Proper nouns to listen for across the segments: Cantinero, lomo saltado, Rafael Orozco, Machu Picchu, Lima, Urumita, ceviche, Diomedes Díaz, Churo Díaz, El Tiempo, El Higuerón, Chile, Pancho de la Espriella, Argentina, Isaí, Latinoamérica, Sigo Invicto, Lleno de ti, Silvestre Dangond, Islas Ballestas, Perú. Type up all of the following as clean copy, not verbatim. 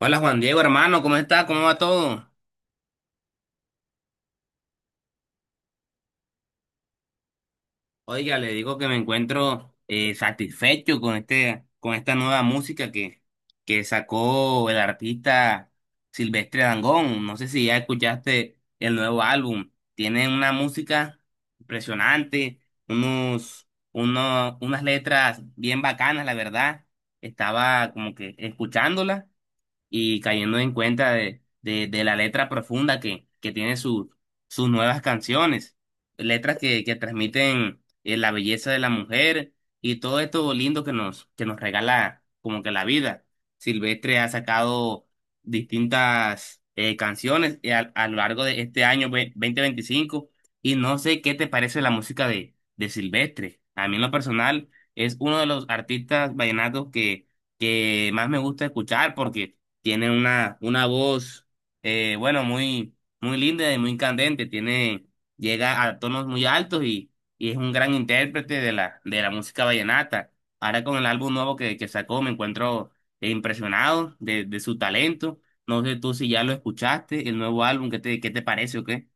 Hola Juan Diego, hermano, ¿cómo está? ¿Cómo va todo? Oiga, le digo que me encuentro satisfecho con esta nueva música que sacó el artista Silvestre Dangond. No sé si ya escuchaste el nuevo álbum. Tiene una música impresionante, unas letras bien bacanas, la verdad. Estaba como que escuchándola y cayendo en cuenta de la letra profunda que tiene sus nuevas canciones, letras que transmiten la belleza de la mujer y todo esto lindo que nos regala como que la vida. Silvestre ha sacado distintas canciones a lo largo de este año 2025 y no sé qué te parece la música de Silvestre. A mí en lo personal es uno de los artistas vallenatos que más me gusta escuchar porque tiene una voz, eh, bueno, muy, muy linda y muy candente, tiene, llega a tonos muy altos y es un gran intérprete de de la música vallenata. Ahora con el álbum nuevo que sacó me encuentro impresionado de su talento. No sé tú si ya lo escuchaste el nuevo álbum. ¿Qué te, qué te parece o qué?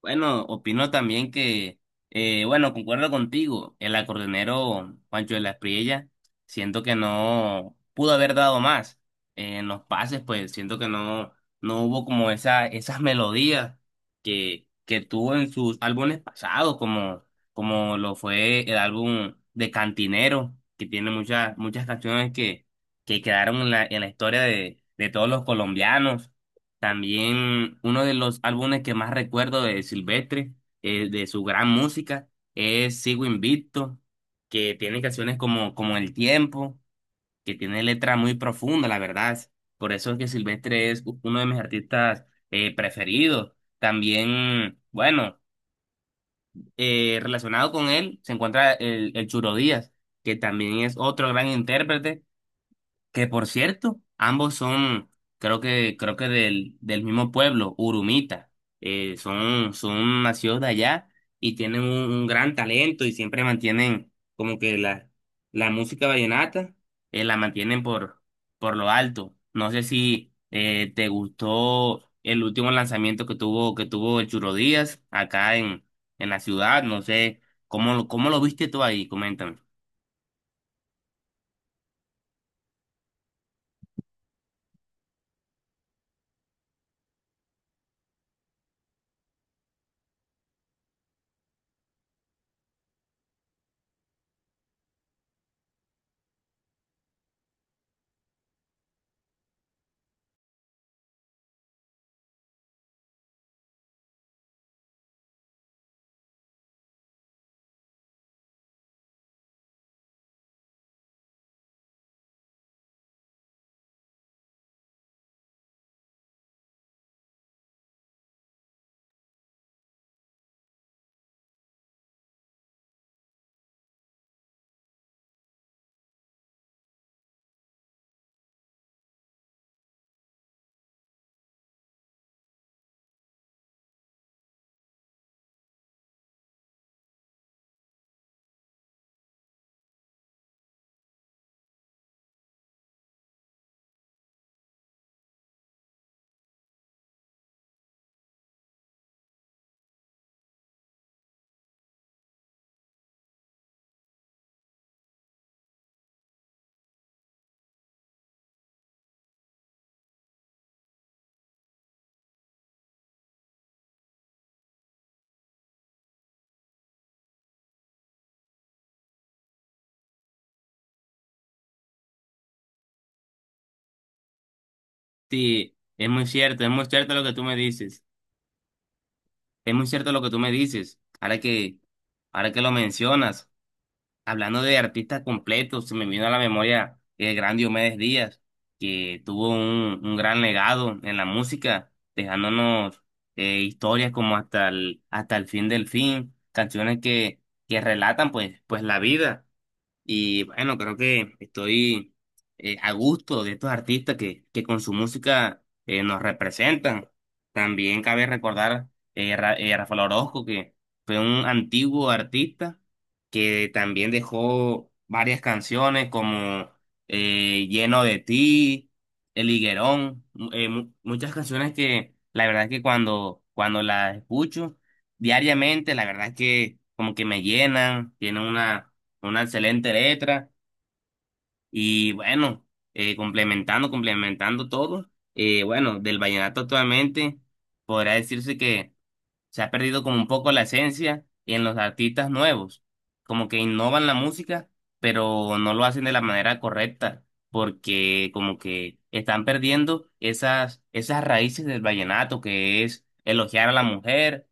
Bueno, opino también que, bueno, concuerdo contigo. El acordeonero Pancho de la Espriella, siento que no pudo haber dado más. En los pases, pues siento que no, no hubo como esa, esas melodías que tuvo en sus álbumes pasados, como, como lo fue el álbum de Cantinero, que tiene muchas, muchas canciones que quedaron en en la historia de todos los colombianos. También uno de los álbumes que más recuerdo de Silvestre, de su gran música, es Sigo Invicto, que tiene canciones como, como El Tiempo, que tiene letras muy profundas, la verdad. Por eso es que Silvestre es uno de mis artistas preferidos. También, bueno, relacionado con él se encuentra el Churo Díaz, que también es otro gran intérprete que, por cierto, ambos son, creo que del mismo pueblo, Urumita. Son, son nacidos de allá y tienen un gran talento y siempre mantienen como que la música vallenata, la mantienen por lo alto. No sé si te gustó el último lanzamiento que que tuvo el Churo Díaz acá en la ciudad. No sé cómo lo viste tú ahí, coméntame. Sí, es muy cierto lo que tú me dices. Es muy cierto lo que tú me dices. Ahora que lo mencionas, hablando de artistas completos, se me vino a la memoria el gran Diomedes Díaz, que tuvo un gran legado en la música, dejándonos historias como hasta el fin del fin, canciones que relatan pues, pues la vida. Y bueno, creo que estoy a gusto de estos artistas que con su música nos representan. También cabe recordar Rafael Orozco, que fue un antiguo artista que también dejó varias canciones como Lleno de ti, El Higuerón, muchas canciones que la verdad es que cuando las escucho diariamente, la verdad es que como que me llenan, tienen una excelente letra y bueno, complementando, complementando todo, bueno, del vallenato actualmente podrá decirse que se ha perdido como un poco la esencia en los artistas nuevos, como que innovan la música, pero no lo hacen de la manera correcta, porque como que están perdiendo esas, esas raíces del vallenato que es elogiar a la mujer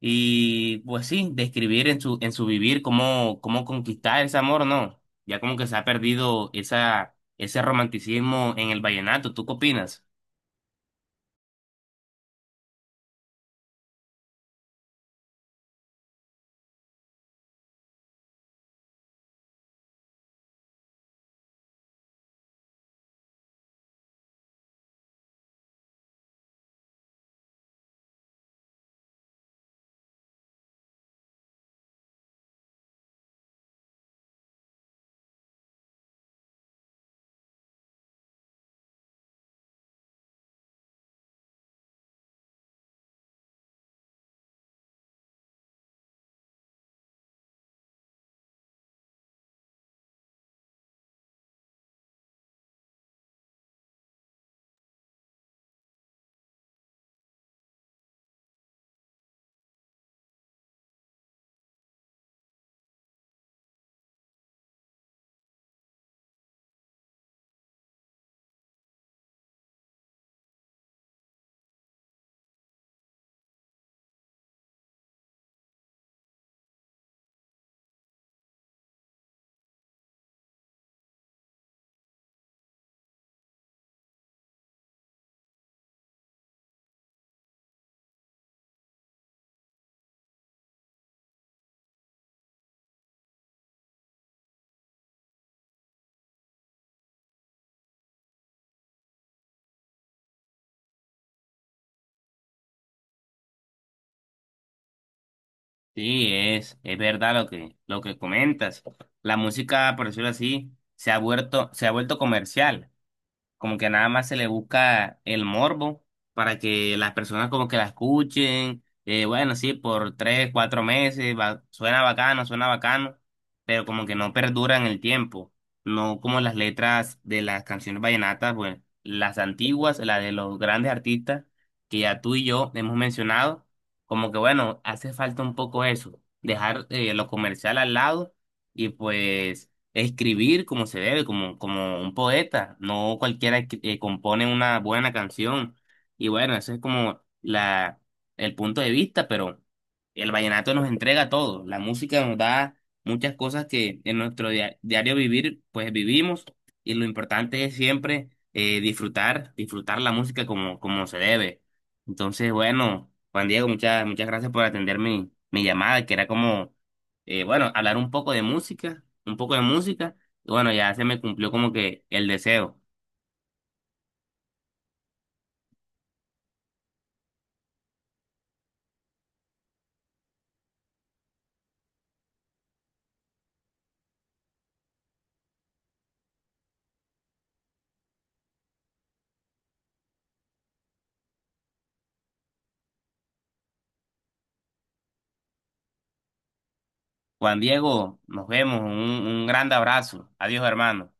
y pues sí, describir en en su vivir cómo, cómo conquistar ese amor, ¿no? Ya como que se ha perdido esa, ese romanticismo en el vallenato. ¿Tú qué opinas? Sí, es verdad lo lo que comentas. La música, por decirlo así, se ha vuelto comercial, como que nada más se le busca el morbo para que las personas como que la escuchen, bueno, sí, por tres, cuatro meses, suena bacano, pero como que no perduran el tiempo, no como las letras de las canciones vallenatas, bueno, las antiguas, las de los grandes artistas que ya tú y yo hemos mencionado, como que bueno, hace falta un poco eso, dejar lo comercial al lado y pues escribir como se debe, como, como un poeta. No cualquiera que compone una buena canción. Y bueno, eso es como el punto de vista, pero el vallenato nos entrega todo. La música nos da muchas cosas que en nuestro diario vivir, pues vivimos. Y lo importante es siempre disfrutar, disfrutar la música como, como se debe. Entonces, bueno, Juan Diego, muchas, muchas gracias por atender mi llamada, que era como bueno, hablar un poco de música, un poco de música, y bueno, ya se me cumplió como que el deseo. Juan Diego, nos vemos, un grande abrazo. Adiós, hermano.